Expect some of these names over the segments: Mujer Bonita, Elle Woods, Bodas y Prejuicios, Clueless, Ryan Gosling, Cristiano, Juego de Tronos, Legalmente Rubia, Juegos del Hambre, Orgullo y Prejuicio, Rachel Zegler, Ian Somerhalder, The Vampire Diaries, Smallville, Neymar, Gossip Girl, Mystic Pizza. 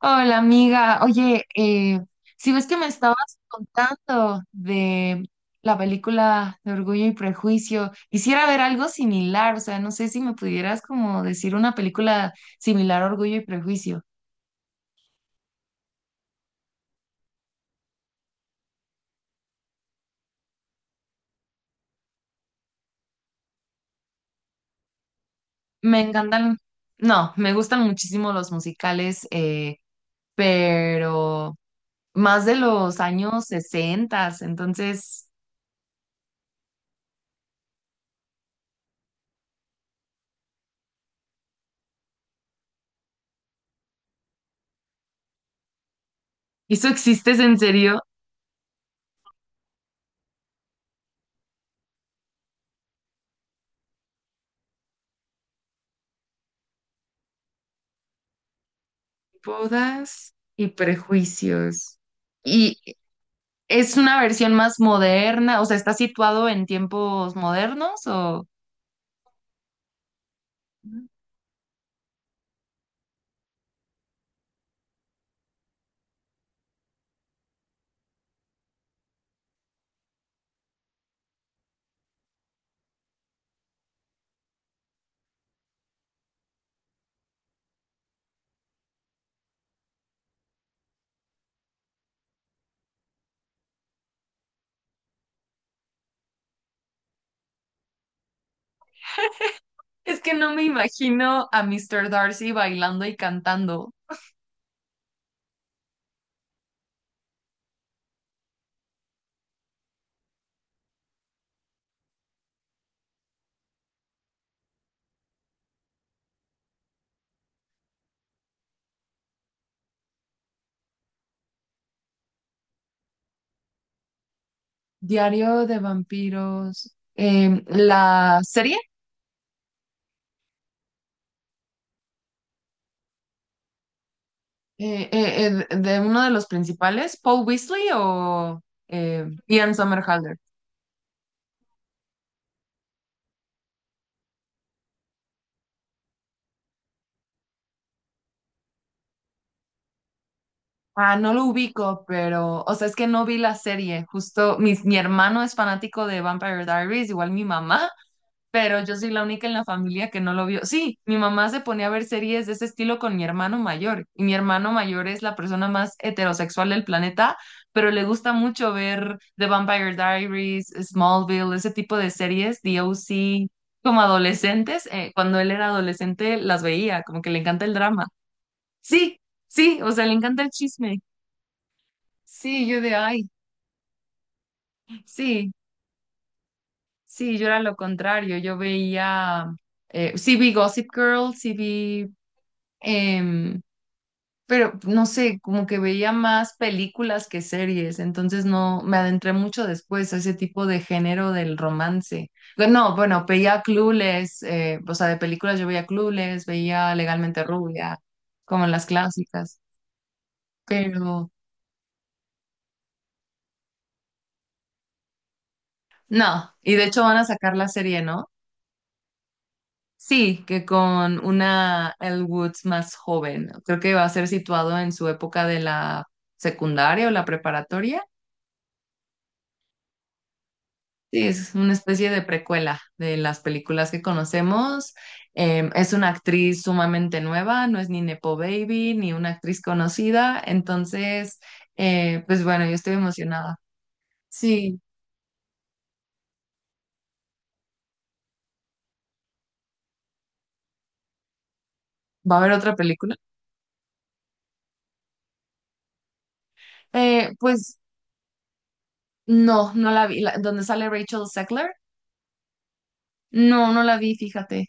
Hola amiga, oye, si ves que me estabas contando de la película de Orgullo y Prejuicio. Quisiera ver algo similar, o sea, no sé si me pudieras como decir una película similar a Orgullo y Prejuicio. Me encantan, no, me gustan muchísimo los musicales, pero más de los años 60. Entonces, ¿eso existes en serio? Bodas y prejuicios. Y ¿es una versión más moderna? O sea, ¿está situado en tiempos modernos o...? Es que no me imagino a Mr. Darcy bailando y cantando. Diario de vampiros. Em, la serie de uno de los principales, Paul Weasley o Ian Somerhalder. Ah, no lo ubico, pero, o sea, es que no vi la serie. Justo mi hermano es fanático de Vampire Diaries, igual mi mamá. Pero yo soy la única en la familia que no lo vio. Sí, mi mamá se ponía a ver series de ese estilo con mi hermano mayor, y mi hermano mayor es la persona más heterosexual del planeta, pero le gusta mucho ver The Vampire Diaries, Smallville, ese tipo de series, D o OC, como adolescentes, cuando él era adolescente las veía, como que le encanta el drama. Sí, sí, o sea, le encanta el chisme. Sí, yo de ay, sí, sí, yo era lo contrario, yo veía, sí vi Gossip Girl, sí vi em, pero no sé, como que veía más películas que series, entonces no me adentré mucho después a ese tipo de género del romance. Bueno, no, bueno, veía Clueless, o sea, de películas yo veía Clueless, veía Legalmente Rubia, como las clásicas. Pero no, y de hecho van a sacar la serie, ¿no? Sí, que con una Elle Woods más joven. Creo que va a ser situado en su época de la secundaria o la preparatoria. Sí, es una especie de precuela de las películas que conocemos. Em, es una actriz sumamente nueva, no es ni Nepo Baby ni una actriz conocida. Entonces, pues bueno, yo estoy emocionada. Sí, ¿va a haber otra película? Pues no la vi. La- ¿Dónde sale Rachel Zegler? No, no la vi, fíjate.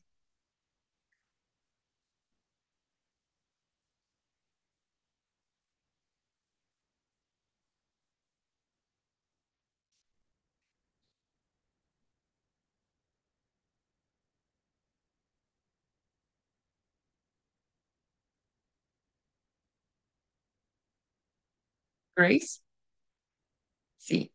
¿Grace? Sí,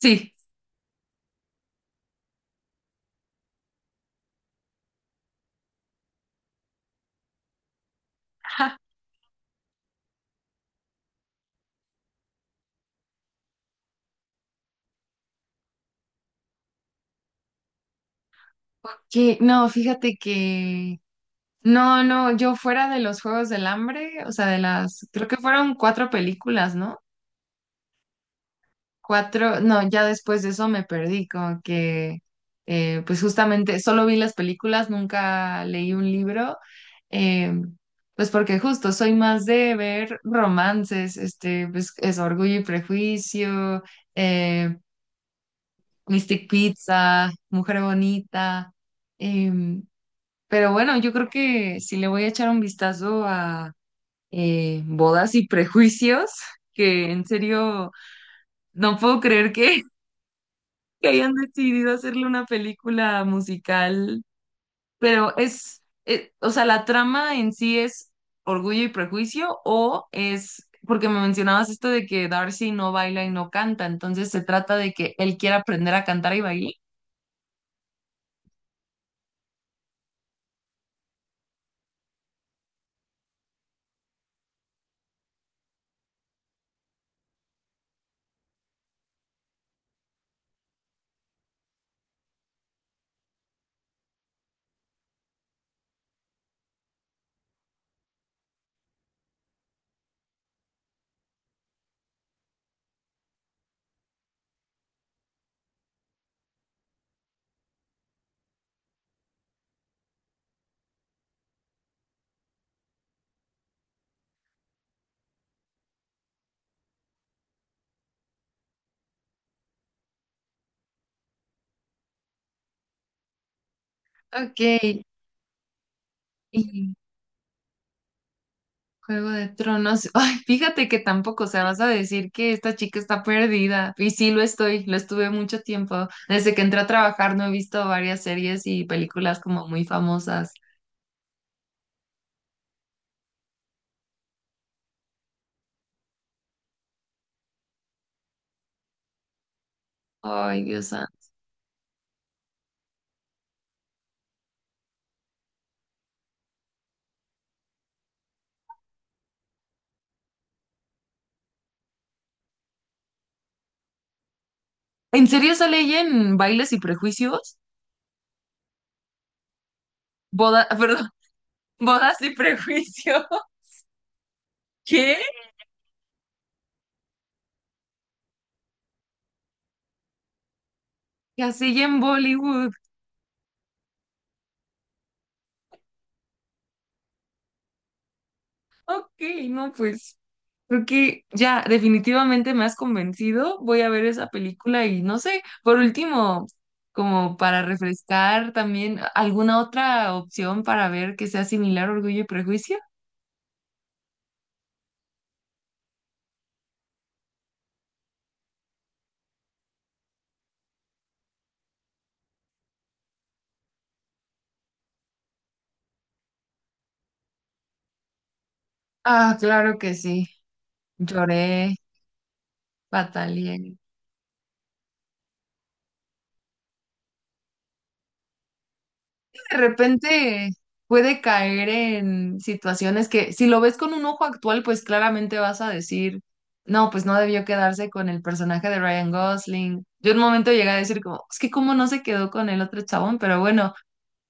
sí. Ok, no, fíjate que no, no, yo fuera de los Juegos del Hambre, o sea, de las, creo que fueron cuatro películas, ¿no? Cuatro, no, ya después de eso me perdí, como que, pues justamente, solo vi las películas, nunca leí un libro, eh, pues porque justo soy más de ver romances, este, pues es Orgullo y Prejuicio, eh, Mystic Pizza, Mujer Bonita, em, pero bueno, yo creo que si le voy a echar un vistazo Bodas y Prejuicios, que en serio no puedo creer que que hayan decidido hacerle una película musical, pero es, o sea, la trama en sí es Orgullo y Prejuicio o es, porque me mencionabas esto de que Darcy no baila y no canta, entonces se trata de que él quiera aprender a cantar y bailar. Ok. Y Juego de Tronos. Ay, fíjate que tampoco, o sea, vas a decir que esta chica está perdida. Y sí, lo estoy, lo estuve mucho tiempo. Desde que entré a trabajar no he visto varias series y películas como muy famosas. Ay, Dios santo. ¿En serio sale ella en Bailes y Prejuicios? Boda, perdón, Bodas y Prejuicios. ¿Qué? Y así en Bollywood. Ok, no, pues. Creo que ya definitivamente me has convencido. Voy a ver esa película y no sé, por último, como para refrescar también, ¿alguna otra opción para ver que sea similar a Orgullo y Prejuicio? Ah, claro que sí. Lloré, batallé. De repente puede caer en situaciones que si lo ves con un ojo actual, pues claramente vas a decir, no, pues no debió quedarse con el personaje de Ryan Gosling. Yo en un momento llegué a decir como, es que cómo no se quedó con el otro chabón, pero bueno,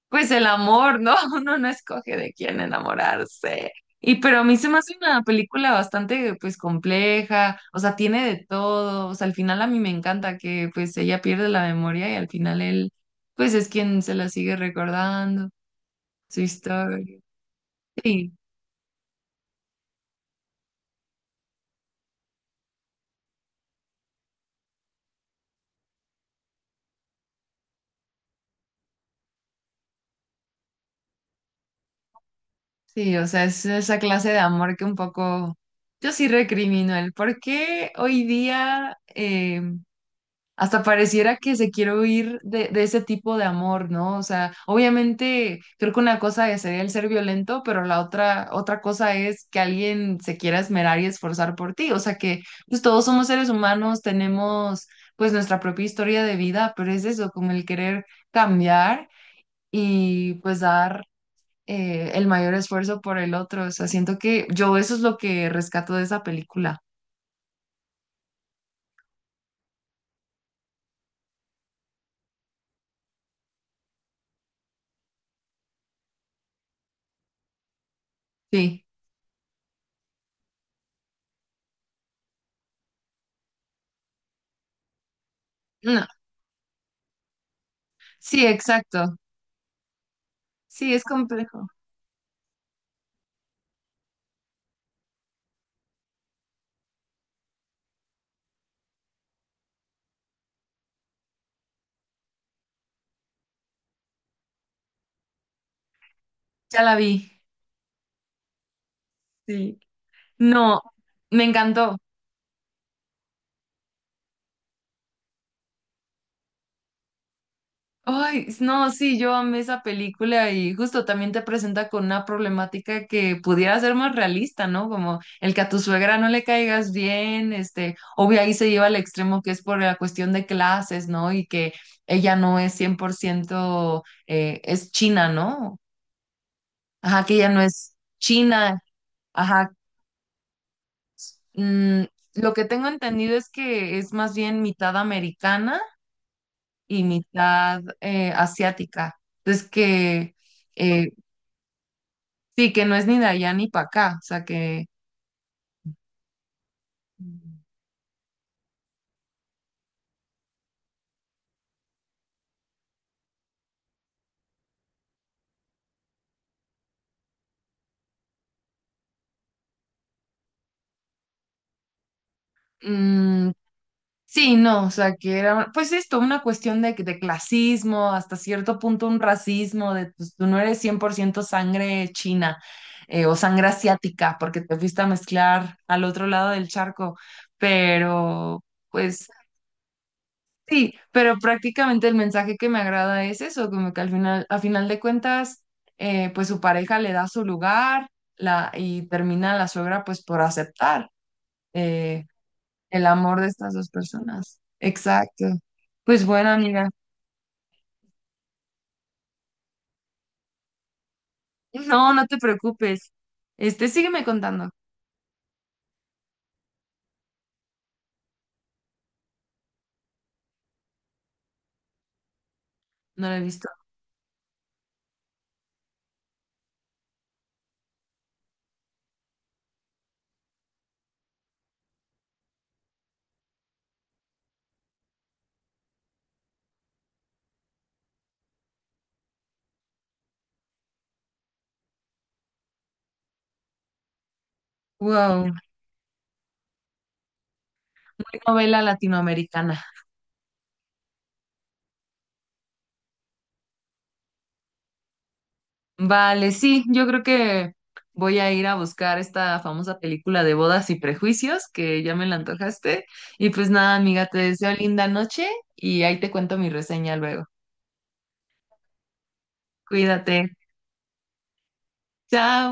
pues el amor, ¿no? Uno no escoge de quién enamorarse. Y pero a mí se me hace una película bastante pues compleja, o sea, tiene de todo, o sea, al final a mí me encanta que pues ella pierde la memoria y al final él pues es quien se la sigue recordando. Su historia. Sí, sí, o sea, es esa clase de amor que un poco yo sí recrimino el por qué hoy día hasta pareciera que se quiere huir de ese tipo de amor, ¿no? O sea, obviamente creo que una cosa sería el ser violento, pero la otra, otra cosa es que alguien se quiera esmerar y esforzar por ti. O sea que pues, todos somos seres humanos, tenemos pues nuestra propia historia de vida, pero es eso, como el querer cambiar y pues dar el mayor esfuerzo por el otro. O sea, siento que yo eso es lo que rescato de esa película. Sí, no, sí, exacto. Sí, es complejo. Ya la vi. Sí. No, me encantó. Ay, s- no, sí, yo amé esa película y justo también te presenta con una problemática que pudiera ser más realista, ¿no? Como el que a tu suegra no le caigas bien, este, obvio ahí se lleva al extremo que es por la cuestión de clases, ¿no? Y que ella no es 100% es china, ¿no? Ajá, que ella no es china, ajá. Mm, lo que tengo entendido es que es más bien mitad americana y mitad asiática. Entonces que eh, sí, que no es ni de allá ni para acá, o sea que... Mm, mm, sí, no, o sea, que era, pues esto, una cuestión de clasismo, hasta cierto punto un racismo, de pues, tú no eres 100% sangre china o sangre asiática, porque te fuiste a mezclar al otro lado del charco, pero pues sí, pero prácticamente el mensaje que me agrada es eso, como que al final, a final de cuentas, pues su pareja le da su lugar. La, y termina la suegra pues por aceptar eh, el amor de estas dos personas. Exacto. Pues bueno, amiga. No, no te preocupes. Este, sígueme contando. No lo he visto. Wow, muy novela latinoamericana. Vale, sí, yo creo que voy a ir a buscar esta famosa película de Bodas y Prejuicios, que ya me la antojaste. Y pues nada, amiga, te deseo linda noche y ahí te cuento mi reseña luego. Cuídate. Chao.